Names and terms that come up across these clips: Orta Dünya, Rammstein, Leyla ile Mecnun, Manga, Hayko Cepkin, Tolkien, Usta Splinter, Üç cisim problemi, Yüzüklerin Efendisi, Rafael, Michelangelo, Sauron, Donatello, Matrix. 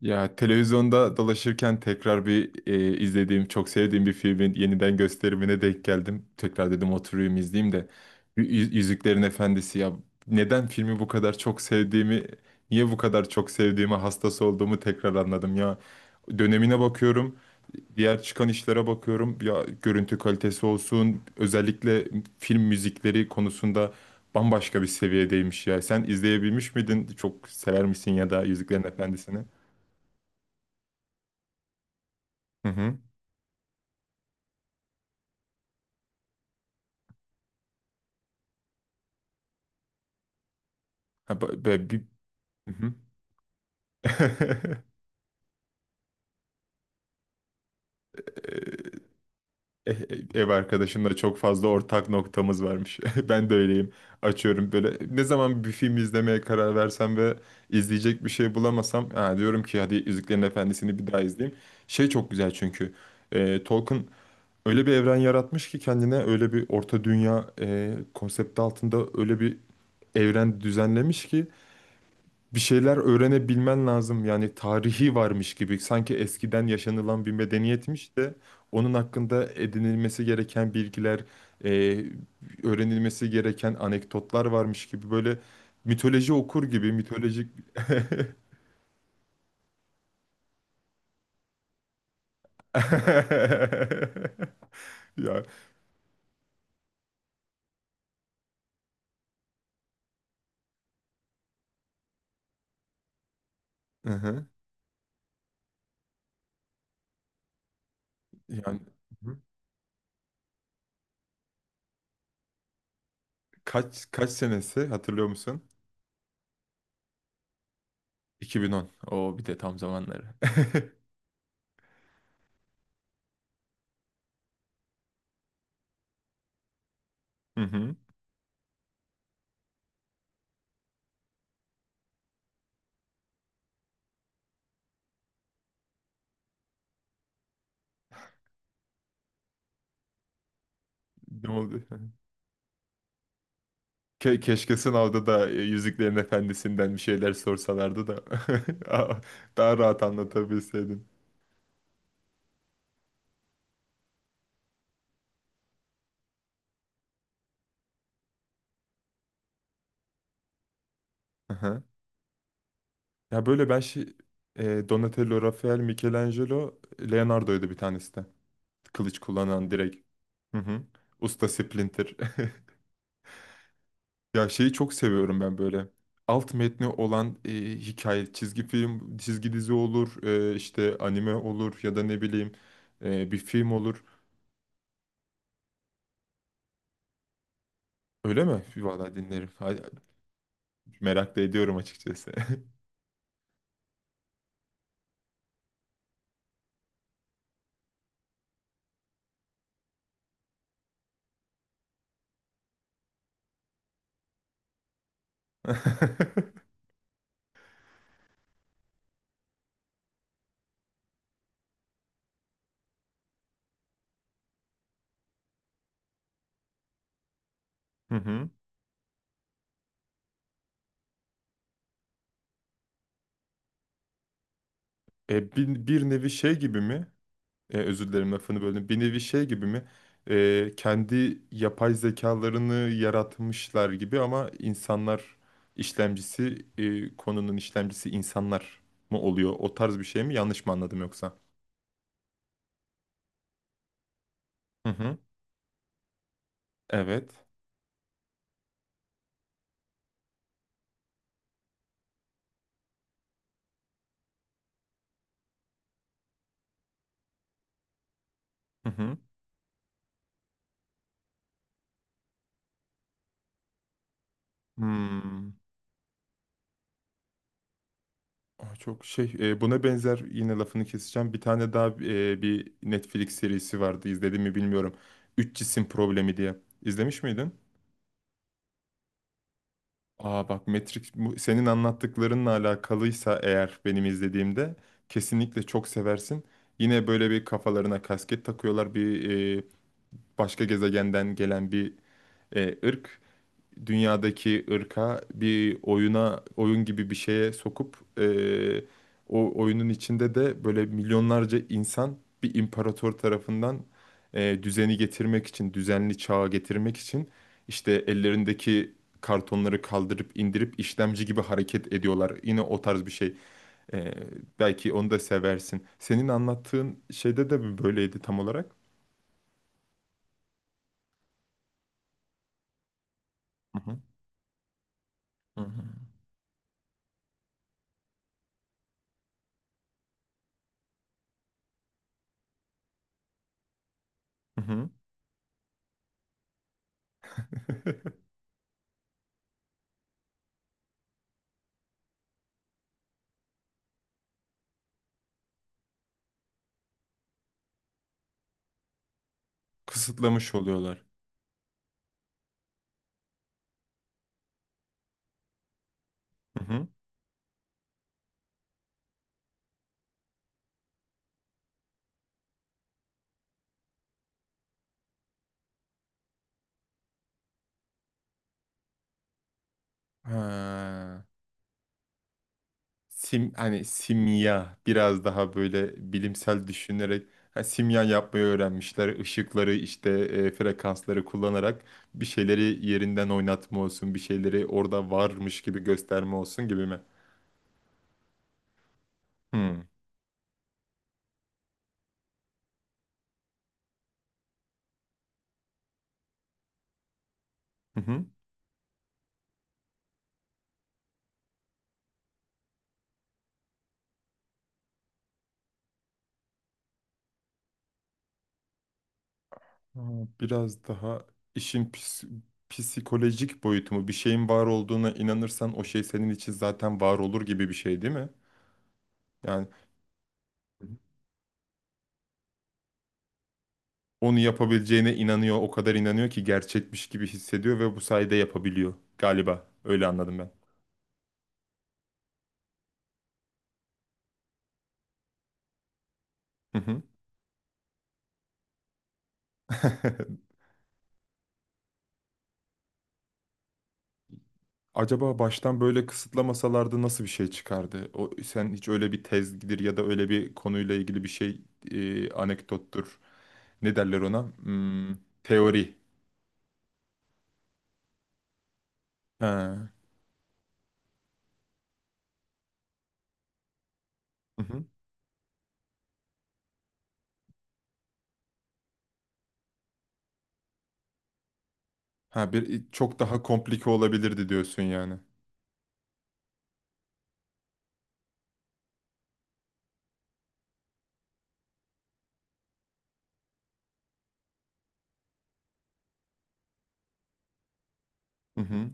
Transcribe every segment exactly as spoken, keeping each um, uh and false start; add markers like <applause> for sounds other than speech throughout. Ya televizyonda dolaşırken tekrar bir e, izlediğim, çok sevdiğim bir filmin yeniden gösterimine denk geldim. Tekrar dedim oturayım izleyeyim de. Yü- Yü- Yüzüklerin Efendisi ya, neden filmi bu kadar çok sevdiğimi, niye bu kadar çok sevdiğimi, hastası olduğumu tekrar anladım ya. Dönemine bakıyorum, diğer çıkan işlere bakıyorum. Ya görüntü kalitesi olsun, özellikle film müzikleri konusunda bambaşka bir seviyedeymiş ya. Sen izleyebilmiş miydin? Çok sever misin ya da Yüzüklerin Efendisi'ni? Hı hı. Ha, ba- be- bir... Hı hı. <laughs> E- e- Ev arkadaşımla çok fazla ortak noktamız varmış. <laughs> Ben de öyleyim. Açıyorum böyle. Ne zaman bir film izlemeye karar versem ve izleyecek bir şey bulamasam, ha, diyorum ki hadi Yüzüklerin Efendisi'ni bir daha izleyeyim. Şey çok güzel çünkü. e, Tolkien öyle bir evren yaratmış ki kendine öyle bir orta dünya e, konsepti altında öyle bir evren düzenlemiş ki bir şeyler öğrenebilmen lazım. Yani tarihi varmış gibi sanki eskiden yaşanılan bir medeniyetmiş de onun hakkında edinilmesi gereken bilgiler, e, öğrenilmesi gereken anekdotlar varmış gibi böyle mitoloji okur gibi mitolojik. <laughs> Ya, hı hı. Yani, hı. kaç kaç senesi hatırlıyor musun? iki bin on. O bir de tam zamanları. <laughs> Hı hı. Ne oldu? Ke- keşke sınavda da e, Yüzüklerin Efendisi'nden bir şeyler sorsalardı da <laughs> daha daha rahat anlatabilseydim. Aha. Ya böyle ben şey, e, Donatello, Rafael, Michelangelo, Leonardo'ydu bir tanesi de. Kılıç kullanan direkt. Hı hı. Usta Splinter. <laughs> Ya şeyi çok seviyorum ben böyle. Alt metni olan e, hikaye, çizgi film, çizgi dizi olur, e, işte anime olur ya da ne bileyim, e, bir film olur. Öyle mi? Valla dinlerim. Hay- Merak da ediyorum açıkçası. <laughs> Hı hı. E, bir, bir nevi şey gibi mi? E, özür dilerim lafını böldüm. Bir nevi şey gibi mi? E, kendi yapay zekalarını yaratmışlar gibi ama insanlar işlemcisi, e, konunun işlemcisi insanlar mı oluyor? O tarz bir şey mi? Yanlış mı anladım yoksa? Hı hı. Evet. Hı hı. Hmm. Aa, çok şey, e, buna benzer yine lafını keseceğim. Bir tane daha, e, bir Netflix serisi vardı, izledim mi bilmiyorum. Üç cisim problemi diye. İzlemiş miydin? Aa bak, Matrix bu- senin anlattıklarınla alakalıysa eğer, benim izlediğimde kesinlikle çok seversin. Yine böyle bir kafalarına kasket takıyorlar, bir, e, başka gezegenden gelen bir e, ırk dünyadaki ırka bir oyuna, oyun gibi bir şeye sokup, eee, o oyunun içinde de böyle milyonlarca insan bir imparator tarafından, eee, düzeni getirmek için, düzenli çağa getirmek için işte ellerindeki kartonları kaldırıp indirip işlemci gibi hareket ediyorlar. Yine o tarz bir şey. Eee, belki onu da seversin. Senin anlattığın şeyde de mi böyleydi tam olarak? Hı hı. Hı hı. Hı hı. <laughs> Kısıtlamış oluyorlar. Ha, sim, hani simya biraz daha böyle bilimsel düşünerek, ha, simya yapmayı öğrenmişler. Işıkları işte, e, frekansları kullanarak bir şeyleri yerinden oynatma olsun, bir şeyleri orada varmış gibi gösterme olsun gibi mi? Hmm. Hı hı. Ha, biraz daha işin pis- psikolojik boyutu mu? Bir şeyin var olduğuna inanırsan o şey senin için zaten var olur gibi bir şey değil mi? Yani onu yapabileceğine inanıyor. O kadar inanıyor ki gerçekmiş gibi hissediyor ve bu sayede yapabiliyor galiba. Öyle anladım ben. Hı hı. <laughs> Acaba baştan böyle kısıtlamasalardı nasıl bir şey çıkardı? O, sen hiç öyle bir tezgidir ya da öyle bir konuyla ilgili bir şey, e, anekdottur. Ne derler ona? Hmm, teori. Ha. Hı hı. Ha, bir e, çok daha komplike olabilirdi diyorsun yani. Hı hı.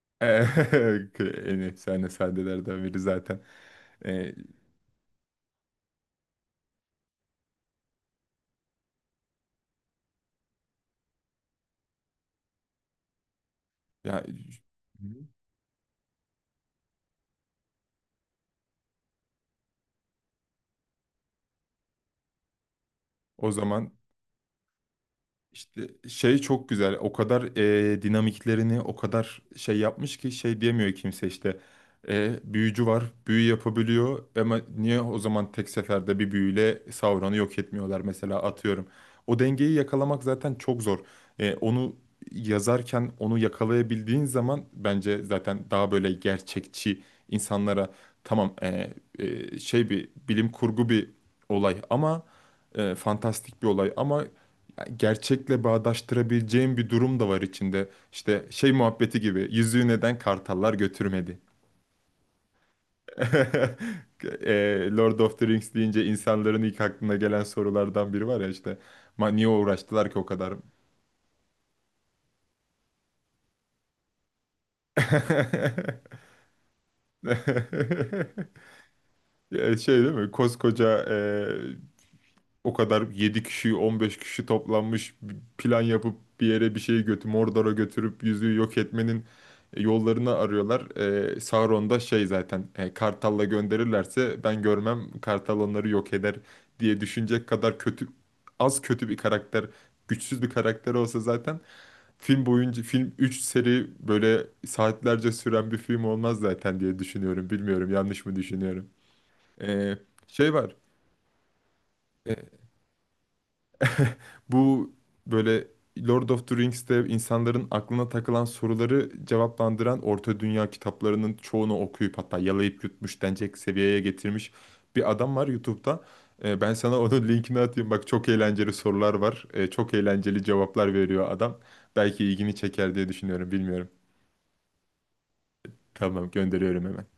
<laughs> En efsane sahnelerden biri zaten. Ee, ya, O zaman işte şey çok güzel. O kadar e, dinamiklerini o kadar şey yapmış ki, şey diyemiyor kimse işte. E, büyücü var, büyü yapabiliyor ama niye o zaman tek seferde bir büyüyle Sauron'u yok etmiyorlar mesela, atıyorum. O dengeyi yakalamak zaten çok zor. E, onu yazarken onu yakalayabildiğin zaman bence zaten daha böyle gerçekçi insanlara, tamam, e, e, şey, bir bilim kurgu bir olay ama e, fantastik bir olay ama gerçekle bağdaştırabileceğim bir durum da var içinde. İşte şey muhabbeti gibi, yüzüğü neden kartallar götürmedi? <laughs> E, Lord of the Rings deyince insanların ilk aklına gelen sorulardan biri var ya işte, "Ma niye uğraştılar ki o kadar? <laughs> Ya şey değil mi? Koskoca, o kadar yedi kişi on beş kişi toplanmış bir plan yapıp bir yere bir şey götür, Mordor'a götürüp yüzüğü yok etmenin e, yollarını arıyorlar. Ee, Sauron da şey zaten, e, Kartal'la gönderirlerse ben görmem, Kartal onları yok eder diye düşünecek kadar kötü, az kötü bir karakter, güçsüz bir karakter olsa zaten film boyunca, film üç seri böyle saatlerce süren bir film olmaz zaten diye düşünüyorum. Bilmiyorum, yanlış mı düşünüyorum. Ee, şey var. e, Bu böyle Lord of the Rings'te insanların aklına takılan soruları cevaplandıran, Orta Dünya kitaplarının çoğunu okuyup hatta yalayıp yutmuş denecek seviyeye getirmiş bir adam var YouTube'da. Ee, ben sana onun linkini atayım. Bak, çok eğlenceli sorular var. Ee, çok eğlenceli cevaplar veriyor adam. Belki ilgini çeker diye düşünüyorum, bilmiyorum. Tamam, gönderiyorum hemen.